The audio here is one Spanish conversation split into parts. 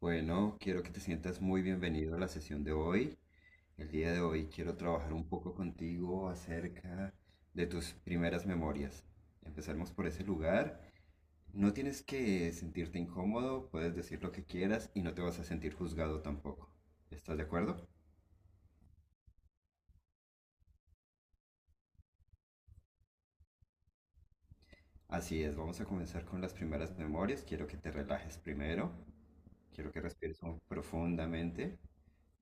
Bueno, quiero que te sientas muy bienvenido a la sesión de hoy. El día de hoy quiero trabajar un poco contigo acerca de tus primeras memorias. Empezaremos por ese lugar. No tienes que sentirte incómodo, puedes decir lo que quieras y no te vas a sentir juzgado tampoco. ¿Estás de acuerdo? Así es, vamos a comenzar con las primeras memorias. Quiero que te relajes primero. Quiero que respires profundamente.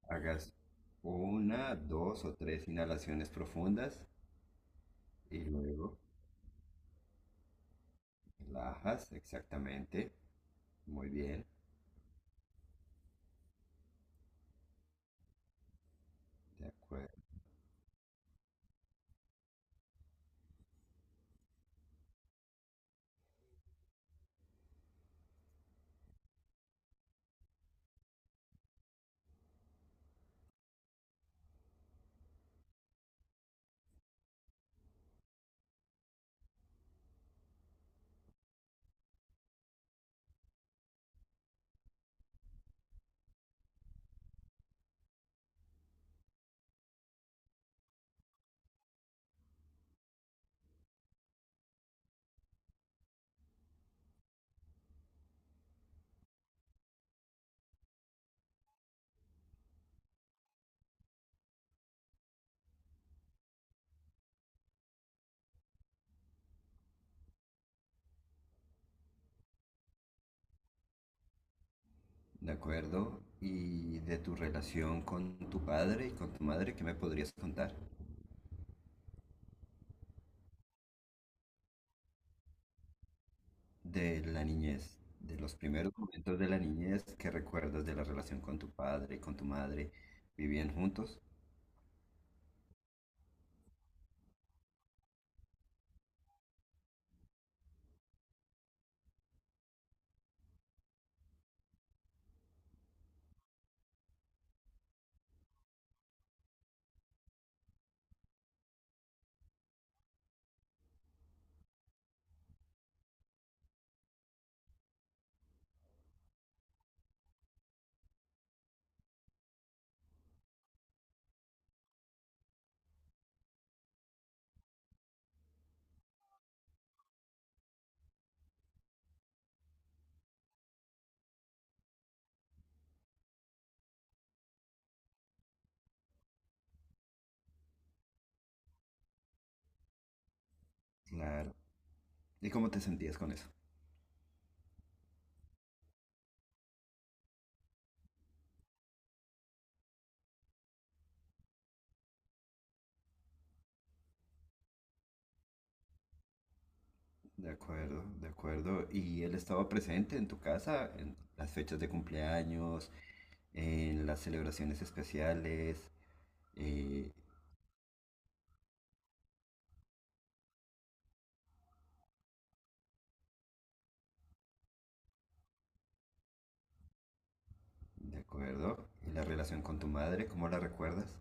Hagas una, dos o tres inhalaciones profundas y luego. Relajas, exactamente. Muy bien, de acuerdo. De acuerdo. ¿Y de tu relación con tu padre y con tu madre, qué me podrías contar? De la niñez, de los primeros momentos de la niñez que recuerdas de la relación con tu padre y con tu madre. ¿Vivían juntos? Claro. ¿Y cómo te sentías con eso? De acuerdo, de acuerdo. ¿Y él estaba presente en tu casa, en las fechas de cumpleaños, en las celebraciones especiales? eh, De acuerdo. ¿Y la relación con tu madre, cómo la recuerdas?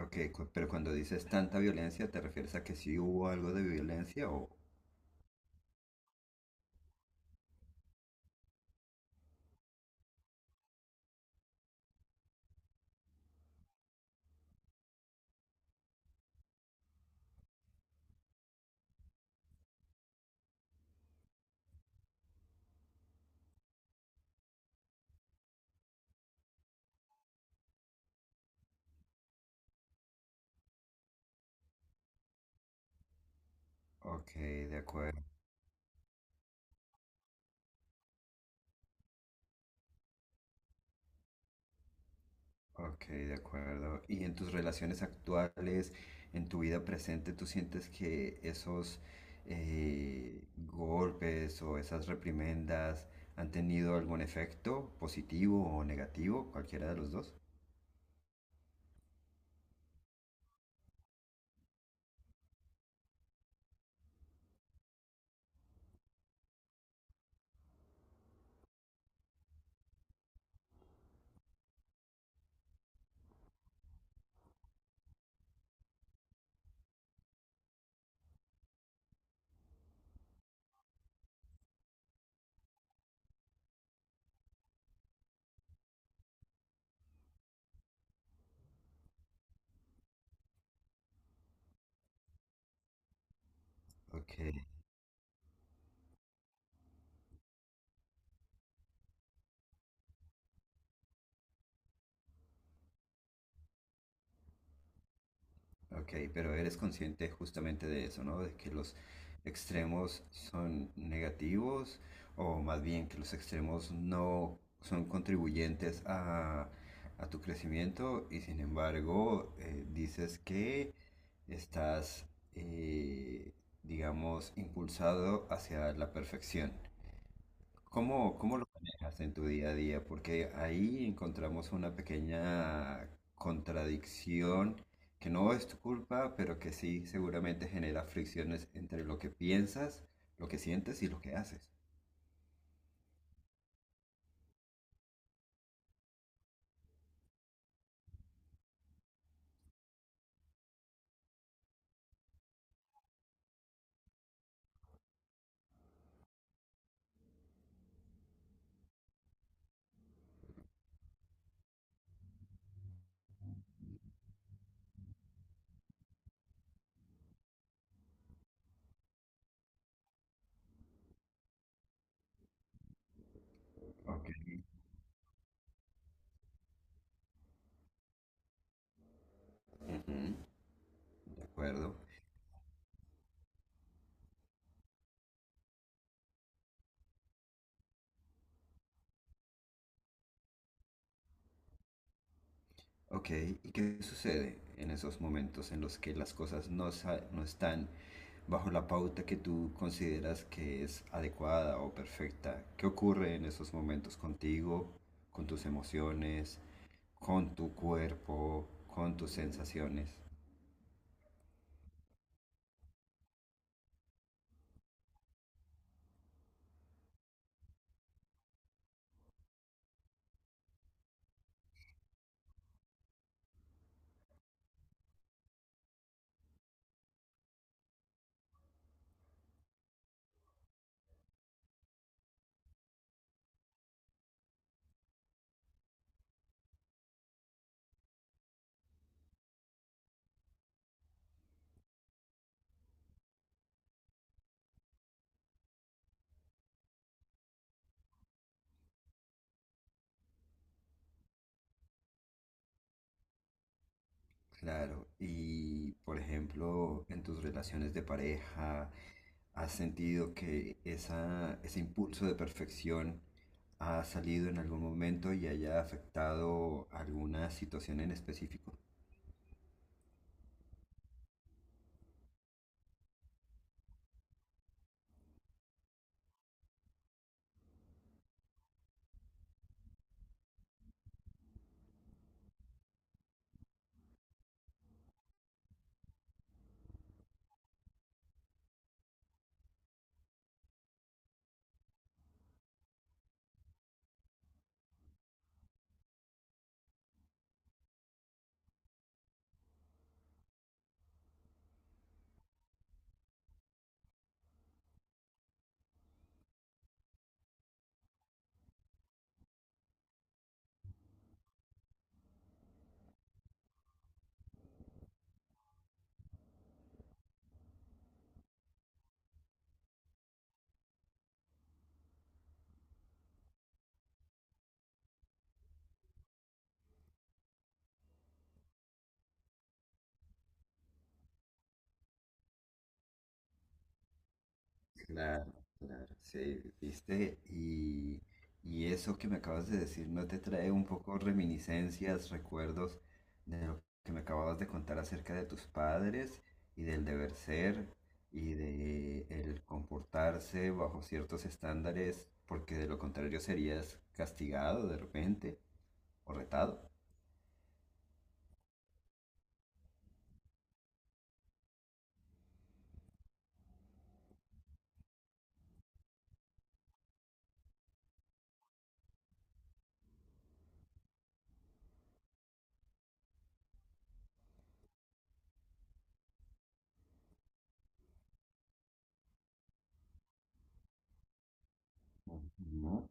Ok, pero cuando dices tanta violencia, ¿te refieres a que sí hubo algo de violencia o? Ok, de acuerdo. Ok, de acuerdo. ¿Y en tus relaciones actuales, en tu vida presente, tú sientes que esos golpes o esas reprimendas han tenido algún efecto positivo o negativo, cualquiera de los dos? Ok. Ok, pero eres consciente justamente de eso, ¿no? De que los extremos son negativos o más bien que los extremos no son contribuyentes a tu crecimiento y sin embargo dices que estás, eh, digamos, impulsado hacia la perfección. ¿Cómo, cómo lo manejas en tu día a día? Porque ahí encontramos una pequeña contradicción que no es tu culpa, pero que sí seguramente genera fricciones entre lo que piensas, lo que sientes y lo que haces. Ok, de acuerdo. Ok, ¿y qué sucede en esos momentos en los que las cosas no están bajo la pauta que tú consideras que es adecuada o perfecta? ¿Qué ocurre en esos momentos contigo, con tus emociones, con tu cuerpo, con tus sensaciones? Claro, y por ejemplo, en tus relaciones de pareja, ¿has sentido que esa, ese impulso de perfección ha salido en algún momento y haya afectado alguna situación en específico? Claro, claro, sí, viste, y eso que me acabas de decir no te trae un poco reminiscencias, recuerdos de lo que me acababas de contar acerca de tus padres y del deber ser y de el comportarse bajo ciertos estándares, porque de lo contrario serías castigado de repente o retado. Ujú,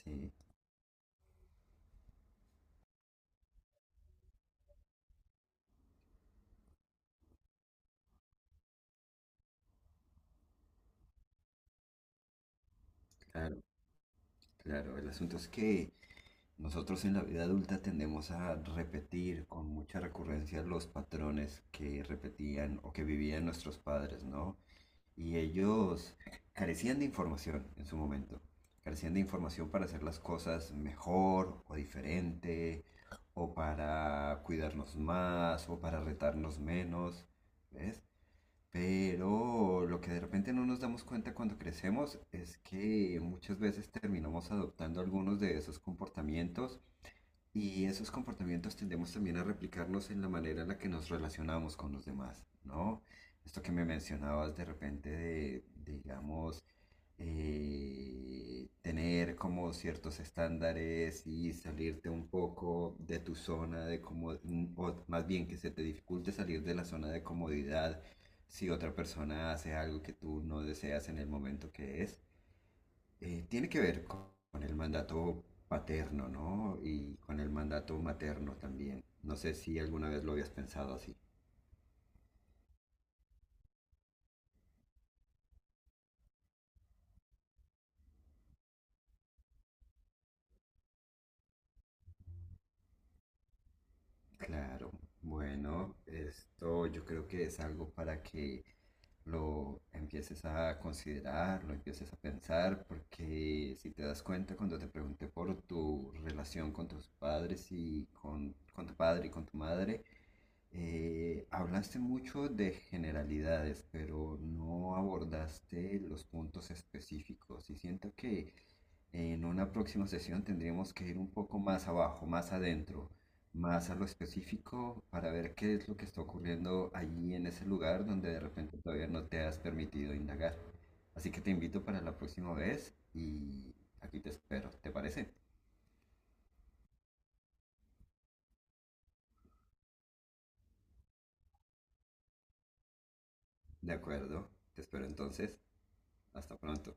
sí, claro, claro. El asunto es que nosotros en la vida adulta tendemos a repetir con mucha recurrencia los patrones que repetían o que vivían nuestros padres, ¿no? Y ellos carecían de información en su momento, carecían de información para hacer las cosas mejor o diferente, o para cuidarnos más, o para retarnos menos, ¿ves? Pero lo que de repente no nos damos cuenta cuando crecemos es que muchas veces terminamos adoptando algunos de esos comportamientos y esos comportamientos tendemos también a replicarnos en la manera en la que nos relacionamos con los demás, ¿no? Esto que me mencionabas de repente digamos, tener como ciertos estándares y salirte un poco de tu zona de comodidad, o más bien que se te dificulte salir de la zona de comodidad si otra persona hace algo que tú no deseas en el momento que es tiene que ver con el mandato paterno, ¿no? Y con el mandato materno también. No sé si alguna vez lo habías pensado así. Claro, bueno, esto yo creo que es algo para que lo empieces a considerar, lo empieces a pensar, porque si te das cuenta cuando te pregunté por tu relación con tus padres y con tu padre y con tu madre, hablaste mucho de generalidades, pero no abordaste los puntos específicos y siento que en una próxima sesión tendríamos que ir un poco más abajo, más adentro, más a lo específico para ver qué es lo que está ocurriendo allí en ese lugar donde de repente todavía no te has permitido indagar. Así que te invito para la próxima vez y aquí te espero, ¿te parece? De acuerdo, te espero entonces. Hasta pronto.